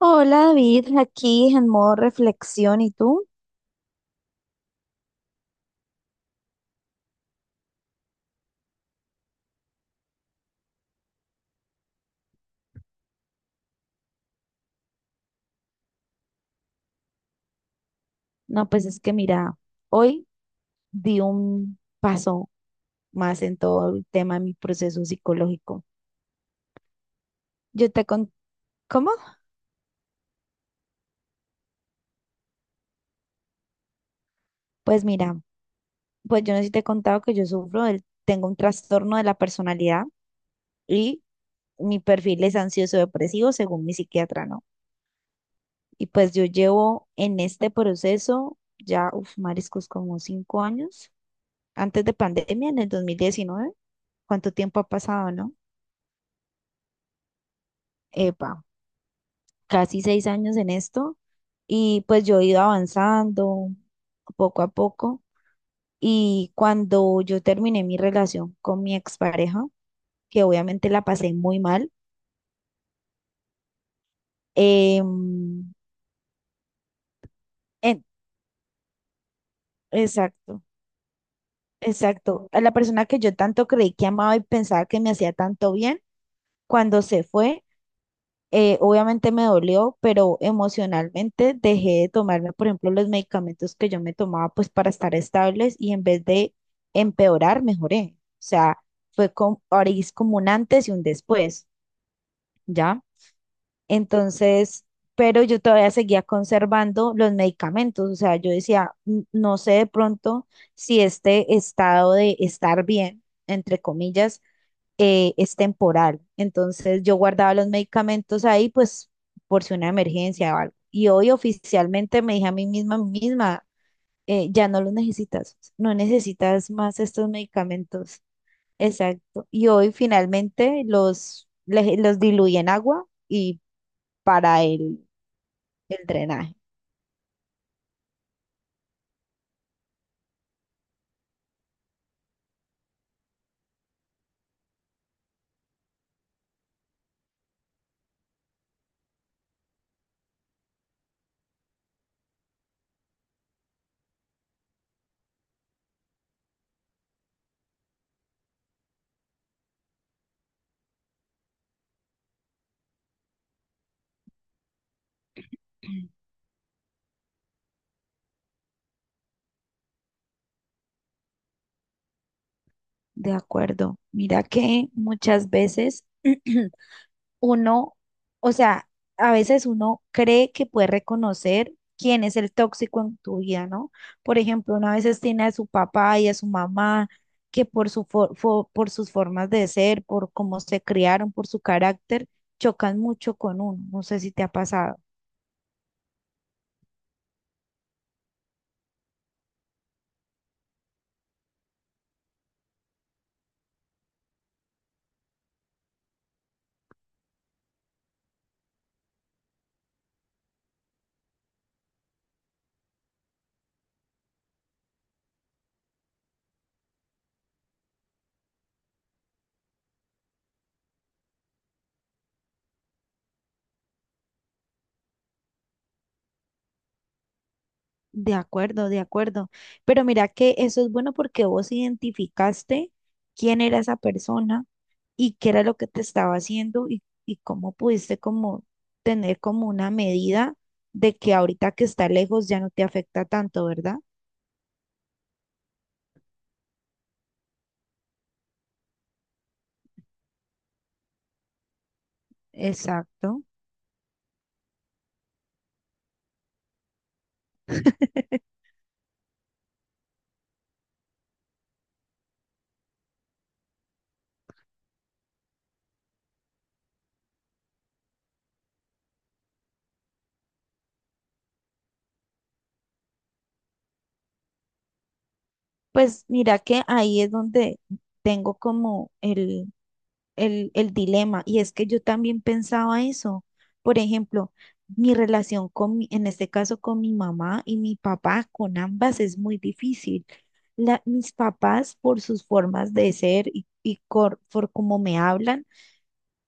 Hola David, aquí en modo reflexión. ¿Y tú? No, pues es que mira, hoy di un paso más en todo el tema de mi proceso psicológico. Yo te con ¿Cómo? Pues mira, pues yo no sé si te he contado que yo sufro tengo un trastorno de la personalidad y mi perfil es ansioso depresivo según mi psiquiatra, ¿no? Y pues yo llevo en este proceso ya, uf, mariscos, como 5 años, antes de pandemia, en el 2019. ¿Cuánto tiempo ha pasado, no? Epa. Casi 6 años en esto y pues yo he ido avanzando poco a poco y cuando yo terminé mi relación con mi expareja, que obviamente la pasé muy mal. em, en- exacto, exacto, a la persona que yo tanto creí que amaba y pensaba que me hacía tanto bien, cuando se fue, obviamente me dolió, pero emocionalmente dejé de tomarme, por ejemplo, los medicamentos que yo me tomaba pues para estar estables y en vez de empeorar, mejoré. O sea, fue como, ahora sí es como un antes y un después, ¿ya? Entonces, pero yo todavía seguía conservando los medicamentos, o sea, yo decía: "N- no sé de pronto si este estado de estar bien, entre comillas, es temporal". Entonces yo guardaba los medicamentos ahí, pues por si una emergencia o algo. Y hoy oficialmente me dije a mí misma, ya no los necesitas, no necesitas más estos medicamentos. Exacto. Y hoy finalmente los diluí en agua y para el drenaje. De acuerdo. Mira que muchas veces uno, o sea, a veces uno cree que puede reconocer quién es el tóxico en tu vida, ¿no? Por ejemplo, uno a veces tiene a su papá y a su mamá que por su por sus formas de ser, por cómo se criaron, por su carácter, chocan mucho con uno. No sé si te ha pasado. De acuerdo, de acuerdo. Pero mira que eso es bueno porque vos identificaste quién era esa persona y qué era lo que te estaba haciendo y cómo pudiste como tener como una medida de que ahorita que está lejos ya no te afecta tanto, ¿verdad? Exacto. Pues mira que ahí es donde tengo como el dilema y es que yo también pensaba eso. Por ejemplo, mi relación en este caso con mi mamá y mi papá, con ambas es muy difícil. Mis papás por sus formas de ser por cómo me hablan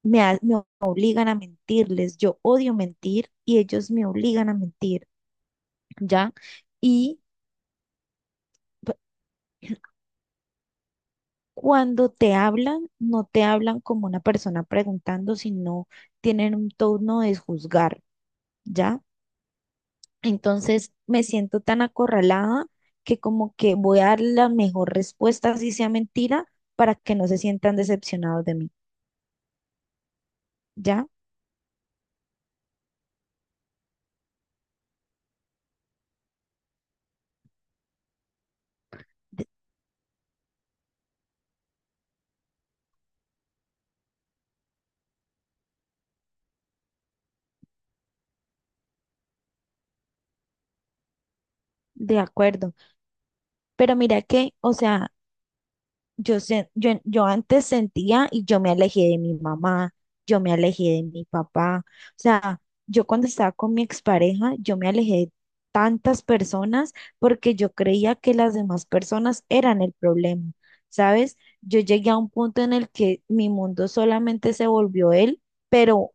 me obligan a mentirles. Yo odio mentir y ellos me obligan a mentir, ¿ya? Y p- cuando te hablan, no te hablan como una persona preguntando, sino tienen un tono de juzgar, ¿ya? Entonces me siento tan acorralada que como que voy a dar la mejor respuesta, si sea mentira, para que no se sientan decepcionados de mí, ¿ya? De, de acuerdo. Pero mira que, o sea... Yo, yo, yo antes sentía y yo me alejé de mi mamá, yo me alejé de mi papá. O sea, yo cuando estaba con mi expareja, yo me alejé de tantas personas porque yo creía que las demás personas eran el problema, ¿sabes? Yo llegué a un punto en el que mi mundo solamente se volvió él, pero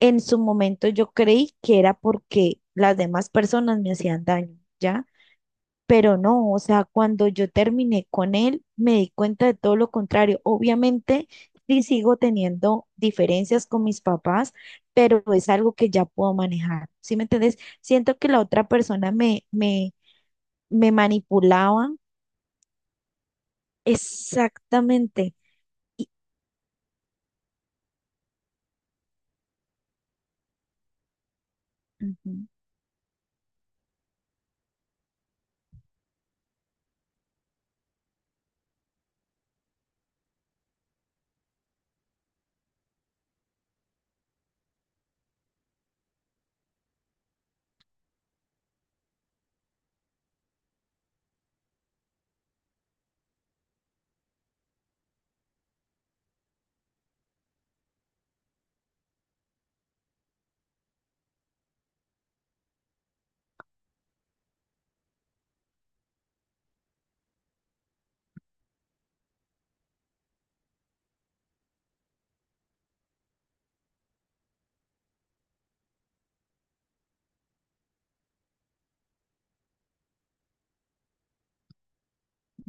en su momento yo creí que era porque las demás personas me hacían daño, ¿ya? Pero no, o sea, cuando yo terminé con él, me di cuenta de todo lo contrario. Obviamente, sí sigo teniendo diferencias con mis papás, pero es algo que ya puedo manejar. ¿Sí me entiendes? Siento que la otra persona me manipulaba exactamente. Y- Ujú.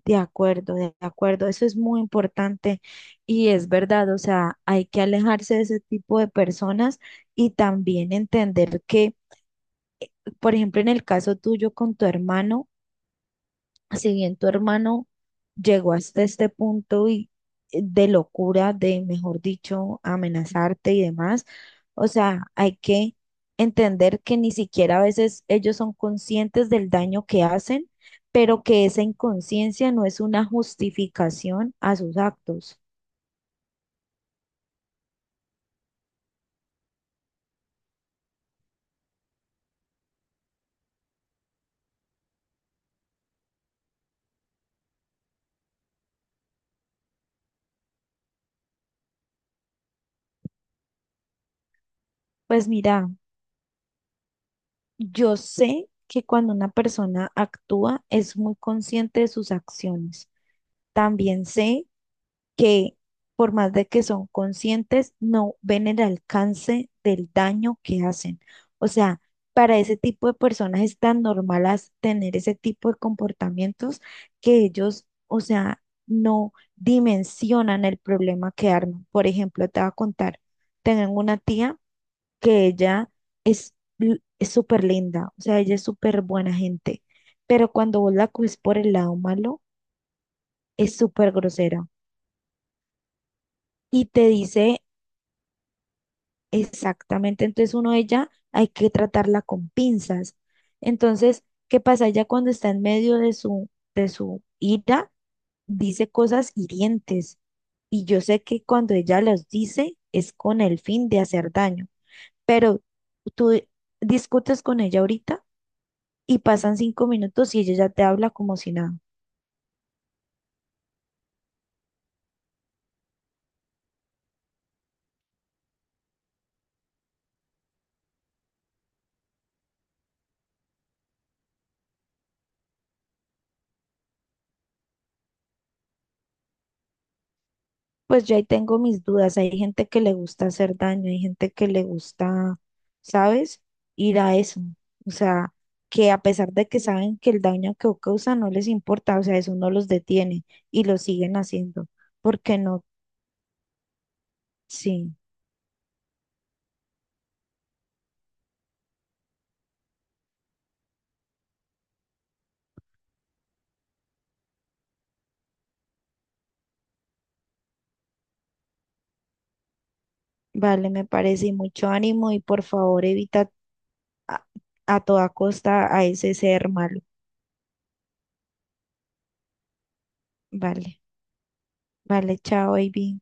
De acuerdo, de acuerdo. Eso es muy importante y es verdad. O sea, hay que alejarse de ese tipo de personas y también entender que, por ejemplo, en el caso tuyo con tu hermano, si bien tu hermano llegó hasta este punto y de locura, de, mejor dicho, amenazarte y demás, o sea, hay que entender que ni siquiera a veces ellos son conscientes del daño que hacen, pero que esa inconsciencia no es una justificación a sus actos. Pues mira, yo sé que cuando una persona actúa es muy consciente de sus acciones. También sé que por más de que son conscientes, no ven el alcance del daño que hacen. O sea, para ese tipo de personas es tan normal tener ese tipo de comportamientos que ellos, o sea, no dimensionan el problema que arman. Por ejemplo, te voy a contar, tengo una tía que ella es es súper linda, o sea, ella es súper buena gente, pero cuando vos la coges por el lado malo, es súper grosera y te dice. Exactamente, entonces uno ella hay que tratarla con pinzas. Entonces, ¿qué pasa? Ella cuando está en medio de su ira, dice cosas hirientes. Y yo sé que cuando ella las dice es con el fin de hacer daño. Pero tú discutes con ella ahorita y pasan 5 minutos y ella ya te habla como si nada. Pues yo ahí tengo mis dudas. Hay gente que le gusta hacer daño, hay gente que le gusta, ¿sabes? Ir a eso. O sea, que a pesar de que saben que el daño que causa no les importa, o sea, eso no los detiene y lo siguen haciendo. ¿Porque no? Sí, vale, me parece. Y mucho ánimo y por favor evita a, a toda costa a ese ser malo. Vale, vale, chao, baby.